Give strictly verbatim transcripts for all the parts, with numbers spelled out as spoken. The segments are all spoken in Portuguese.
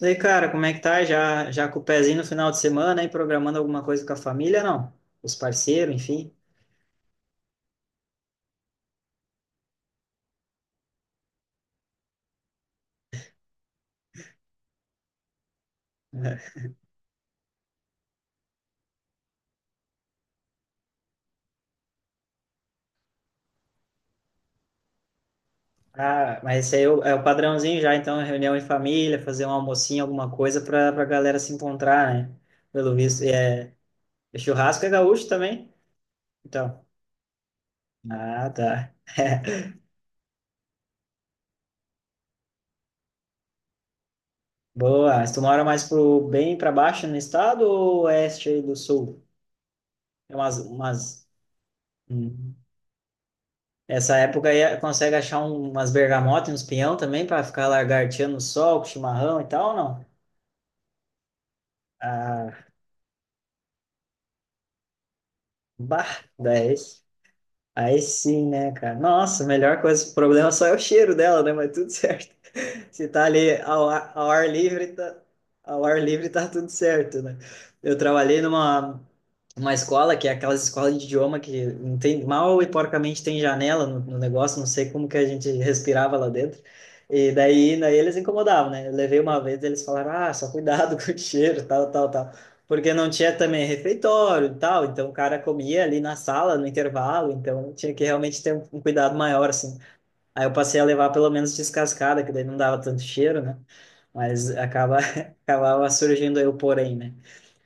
E aí, cara, como é que tá? Já, já com o pezinho no final de semana aí, programando alguma coisa com a família, não? Os parceiros, enfim. Ah, mas esse aí é o, é o padrãozinho já, então, reunião em família, fazer um almocinho, alguma coisa pra, pra galera se encontrar, né? Pelo visto, e é, é churrasco é gaúcho também? Então, ah, tá. Boa, mas tu mora mais pro bem pra baixo no estado ou oeste aí do sul? É umas, umas... Hum. Essa época aí consegue achar um- umas bergamotas e uns pinhão também para ficar lagarteando no sol, com chimarrão e tal, não? Ah, bah, daí, aí sim, né, cara? Nossa, a melhor coisa, o problema só é o cheiro dela, né? Mas tudo certo. Se tá ali ao, ar- ao ar livre, tá, ao ar livre tá tudo certo, né? Eu trabalhei numa uma escola que é aquelas escolas de idioma que não tem mal e porcamente tem janela no, no negócio, não sei como que a gente respirava lá dentro. E daí, daí eles incomodavam, né? Eu levei uma vez, eles falaram: "Ah, só cuidado com o cheiro, tal, tal, tal". Porque não tinha também refeitório e tal, então o cara comia ali na sala, no intervalo, então tinha que realmente ter um um cuidado maior assim. Aí eu passei a levar pelo menos descascada, que daí não dava tanto cheiro, né? Mas acaba acabava surgindo aí o porém, né?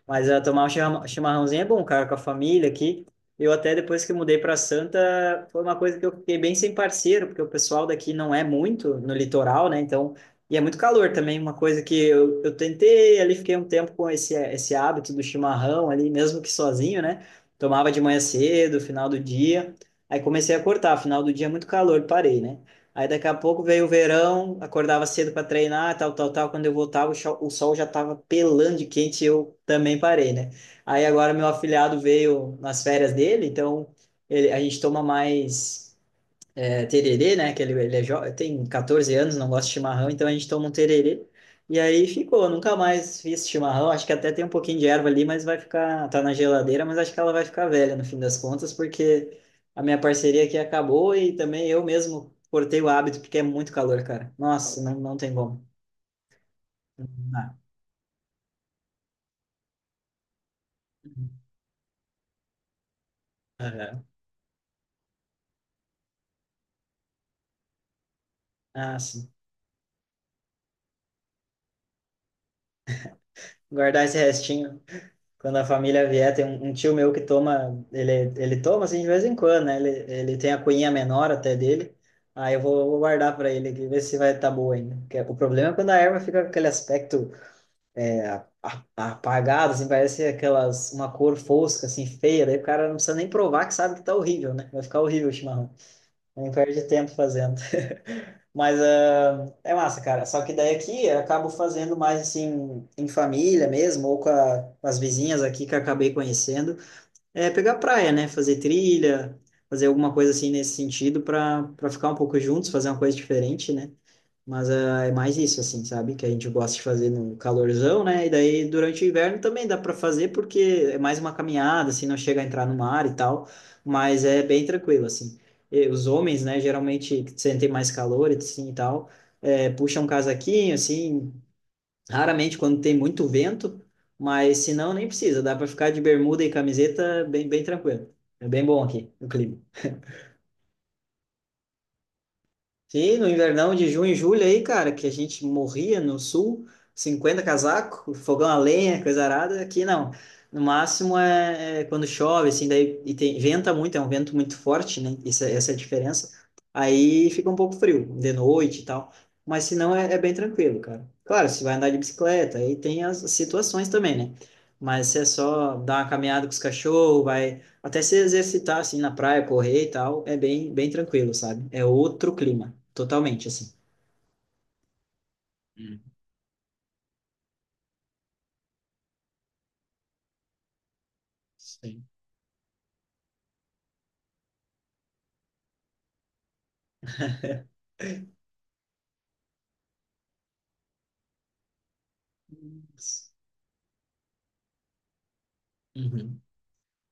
Mas ah, tomar um chimarrão- chimarrãozinho é bom, cara, com a família aqui. Eu até depois que mudei para Santa, foi uma coisa que eu fiquei bem sem parceiro, porque o pessoal daqui não é muito no litoral, né? Então, e é muito calor também, uma coisa que eu, eu tentei ali, fiquei um tempo com esse, esse hábito do chimarrão ali, mesmo que sozinho, né? Tomava de manhã cedo, final do dia. Aí comecei a cortar, final do dia é muito calor, parei, né? Aí daqui a pouco veio o verão, acordava cedo para treinar, tal, tal, tal. Quando eu voltava, o cho- o sol já estava pelando de quente e eu também parei, né? Aí agora meu afilhado veio nas férias dele, então ele, a gente toma mais é, tererê, né? Que ele, ele é jo- tem quatorze anos, não gosta de chimarrão, então a gente toma um tererê. E aí ficou, nunca mais fiz chimarrão. Acho que até tem um pouquinho de erva ali, mas vai ficar, tá na geladeira, mas acho que ela vai ficar velha no fim das contas, porque a minha parceria aqui acabou e também eu mesmo cortei o hábito, porque é muito calor, cara. Nossa, não, não tem como. Não dá. Aham. Ah, sim. Guardar esse restinho. Quando a família vier, tem um, um tio meu que toma, ele, ele toma assim de vez em quando, né? Ele, ele tem a cunhinha menor até dele. Aí eu vou, vou guardar para ele aqui, ver se vai estar tá boa ainda. Porque o problema é quando a erva fica com aquele aspecto é, a- a- apagado, assim, parece aquelas, uma cor fosca, assim, feia. Daí o cara não precisa nem provar que sabe que tá horrível, né? Vai ficar horrível o chimarrão. Nem perde tempo fazendo. Mas ah, é massa, cara. Só que daí aqui eu acabo fazendo mais assim em família mesmo, ou com, a- com as vizinhas aqui que eu acabei conhecendo. É pegar praia, né? Fazer trilha, fazer alguma coisa assim nesse sentido para para ficar um pouco juntos, fazer uma coisa diferente, né? Mas é, é mais isso, assim, sabe? Que a gente gosta de fazer no calorzão, né? E daí durante o inverno também dá para fazer, porque é mais uma caminhada, assim, não chega a entrar no mar e tal, mas é bem tranquilo, assim. E os homens, né, geralmente que sentem mais calor assim, e tal, é, puxam um casaquinho, assim, raramente quando tem muito vento, mas se não, nem precisa. Dá para ficar de bermuda e camiseta bem, bem tranquilo. É bem bom aqui o clima. Sim, no invernão de junho e julho aí, cara, que a gente morria no sul, cinquenta casaco, fogão a lenha, coisa arada, aqui não. No máximo é, é quando chove, assim, daí e tem, venta muito, é um vento muito forte, né? Isso, é- essa é a diferença. Aí fica um pouco frio, de noite e tal. Mas se não, é, é bem tranquilo, cara. Claro, se vai andar de bicicleta, aí tem as situações também, né? Mas se é só dar uma caminhada com os cachorros, vai até se exercitar, assim, na praia, correr e tal, é bem, bem tranquilo, sabe? É outro clima, totalmente, assim. Hum, sim. Uhum.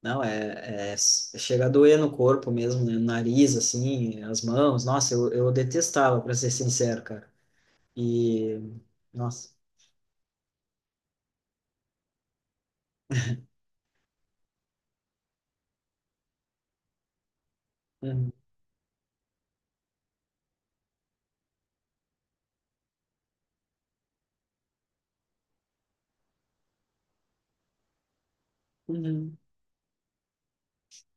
Não, é, é, é chega a doer no corpo mesmo, né? No nariz, assim, as mãos. Nossa, eu, eu detestava, para ser sincero, cara. E, nossa. Uhum. Uhum.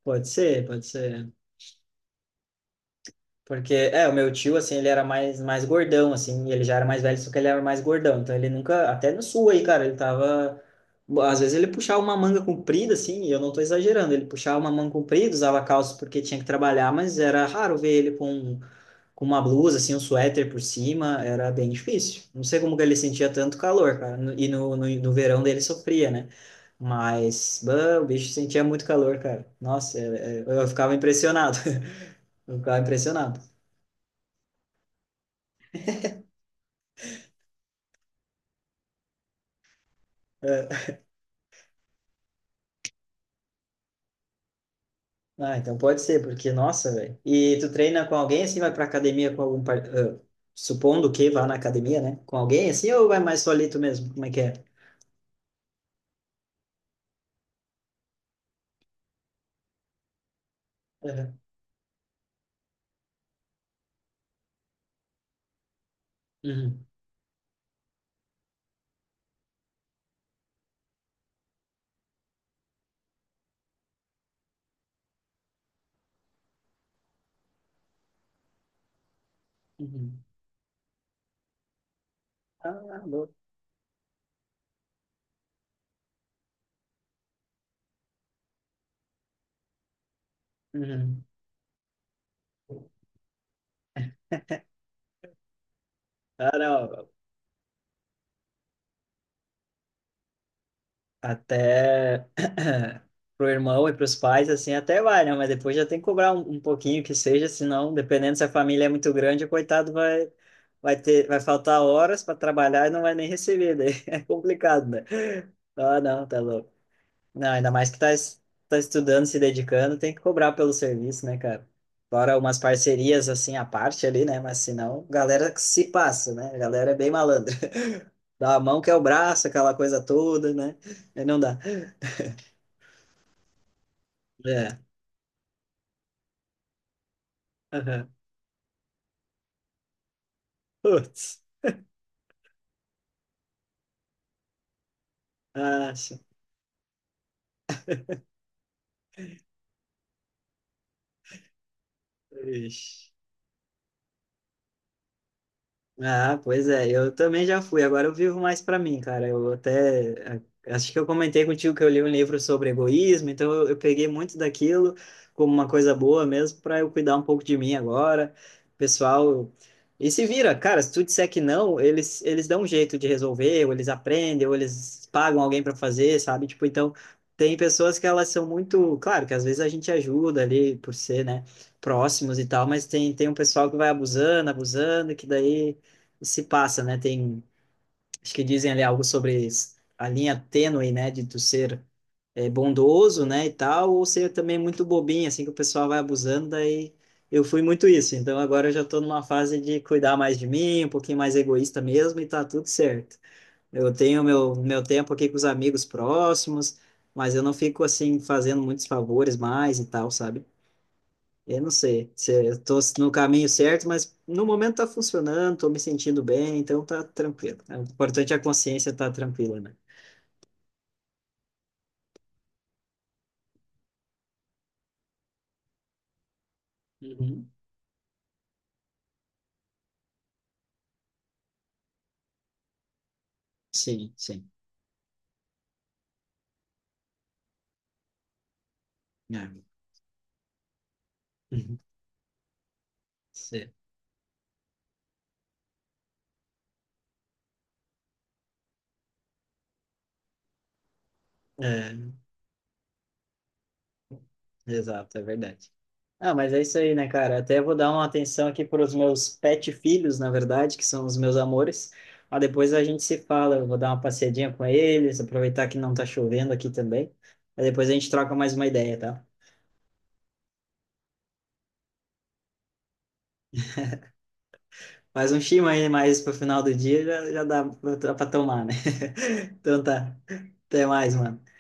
Pode ser, pode ser. Porque, é, o meu tio, assim, ele era mais, mais gordão, assim, e ele já era mais velho, só que ele era mais gordão. Então ele nunca, até no sul aí, cara, ele tava. Às vezes ele puxava uma manga comprida, assim, e eu não tô exagerando, ele puxava uma manga comprida, usava calça porque tinha que trabalhar, mas era raro ver ele com, com uma blusa, assim, um suéter por cima, era bem difícil. Não sei como que ele sentia tanto calor, cara, no- e no, no, no verão dele sofria, né? Mas, bah, o bicho sentia muito calor, cara. Nossa, é- é- eu ficava impressionado, eu ficava impressionado. É, ah, então pode ser, porque, nossa, velho. E tu treina com alguém assim, vai pra academia com algum. par- ah, supondo que vá na academia, né? Com alguém assim, ou vai mais solito mesmo? Como é que é? Aham. Uhum. Uhum. Ah, louco. Uhum. Ah, não. Até pro irmão e pros pais, assim, até vai, né? Mas depois já tem que cobrar um, um pouquinho que seja, senão, dependendo se a família é muito grande, o coitado vai, vai ter, vai faltar horas para trabalhar e não vai nem receber, daí é complicado, né? Ah, não, tá louco. Não, ainda mais que tá, es- tá estudando, se dedicando, tem que cobrar pelo serviço, né, cara? Fora umas parcerias assim à parte ali, né? Mas senão, galera que se passa, né? A galera é bem malandra. Dá a mão que é o braço, aquela coisa toda, né? Aí não dá. É. Aham. Putz. Acha. Ixi. Ah, pois é, eu também já fui, agora eu vivo mais para mim, cara. Eu até acho que eu comentei contigo que eu li um livro sobre egoísmo, então eu, eu peguei muito daquilo como uma coisa boa mesmo para eu cuidar um pouco de mim agora. Pessoal, e se vira, cara, se tu disser que não, eles eles dão um jeito de resolver, ou eles aprendem, ou eles pagam alguém para fazer, sabe? Tipo, então tem pessoas que elas são muito, claro, que às vezes a gente ajuda ali por ser, né, próximos e tal, mas tem tem um pessoal que vai abusando, abusando, que daí se passa, né? Tem, acho que dizem ali algo sobre a linha tênue, né? De tu ser é, bondoso, né? E tal, ou ser também muito bobinho, assim, que o pessoal vai abusando, daí eu fui muito isso. Então agora eu já tô numa fase de cuidar mais de mim, um pouquinho mais egoísta mesmo, e tá tudo certo. Eu tenho meu, meu tempo aqui com os amigos próximos, mas eu não fico, assim, fazendo muitos favores mais e tal, sabe? Eu não sei se eu tô no caminho certo, mas no momento tá funcionando, tô me sentindo bem, então tá tranquilo. É, o importante é a consciência estar tranquila, né? Uhum. Sim, sim. É. Uhum. Sim. É, exato, é verdade. Ah, mas é isso aí, né, cara? Até vou dar uma atenção aqui para os meus pet filhos, na verdade, que são os meus amores. Mas depois a gente se fala, eu vou dar uma passeadinha com eles, aproveitar que não tá chovendo aqui também. Aí depois a gente troca mais uma ideia, tá? Mas um chima aí mais pro final do dia já, já dá pra pra tomar, né? Então tá. Até mais, mano.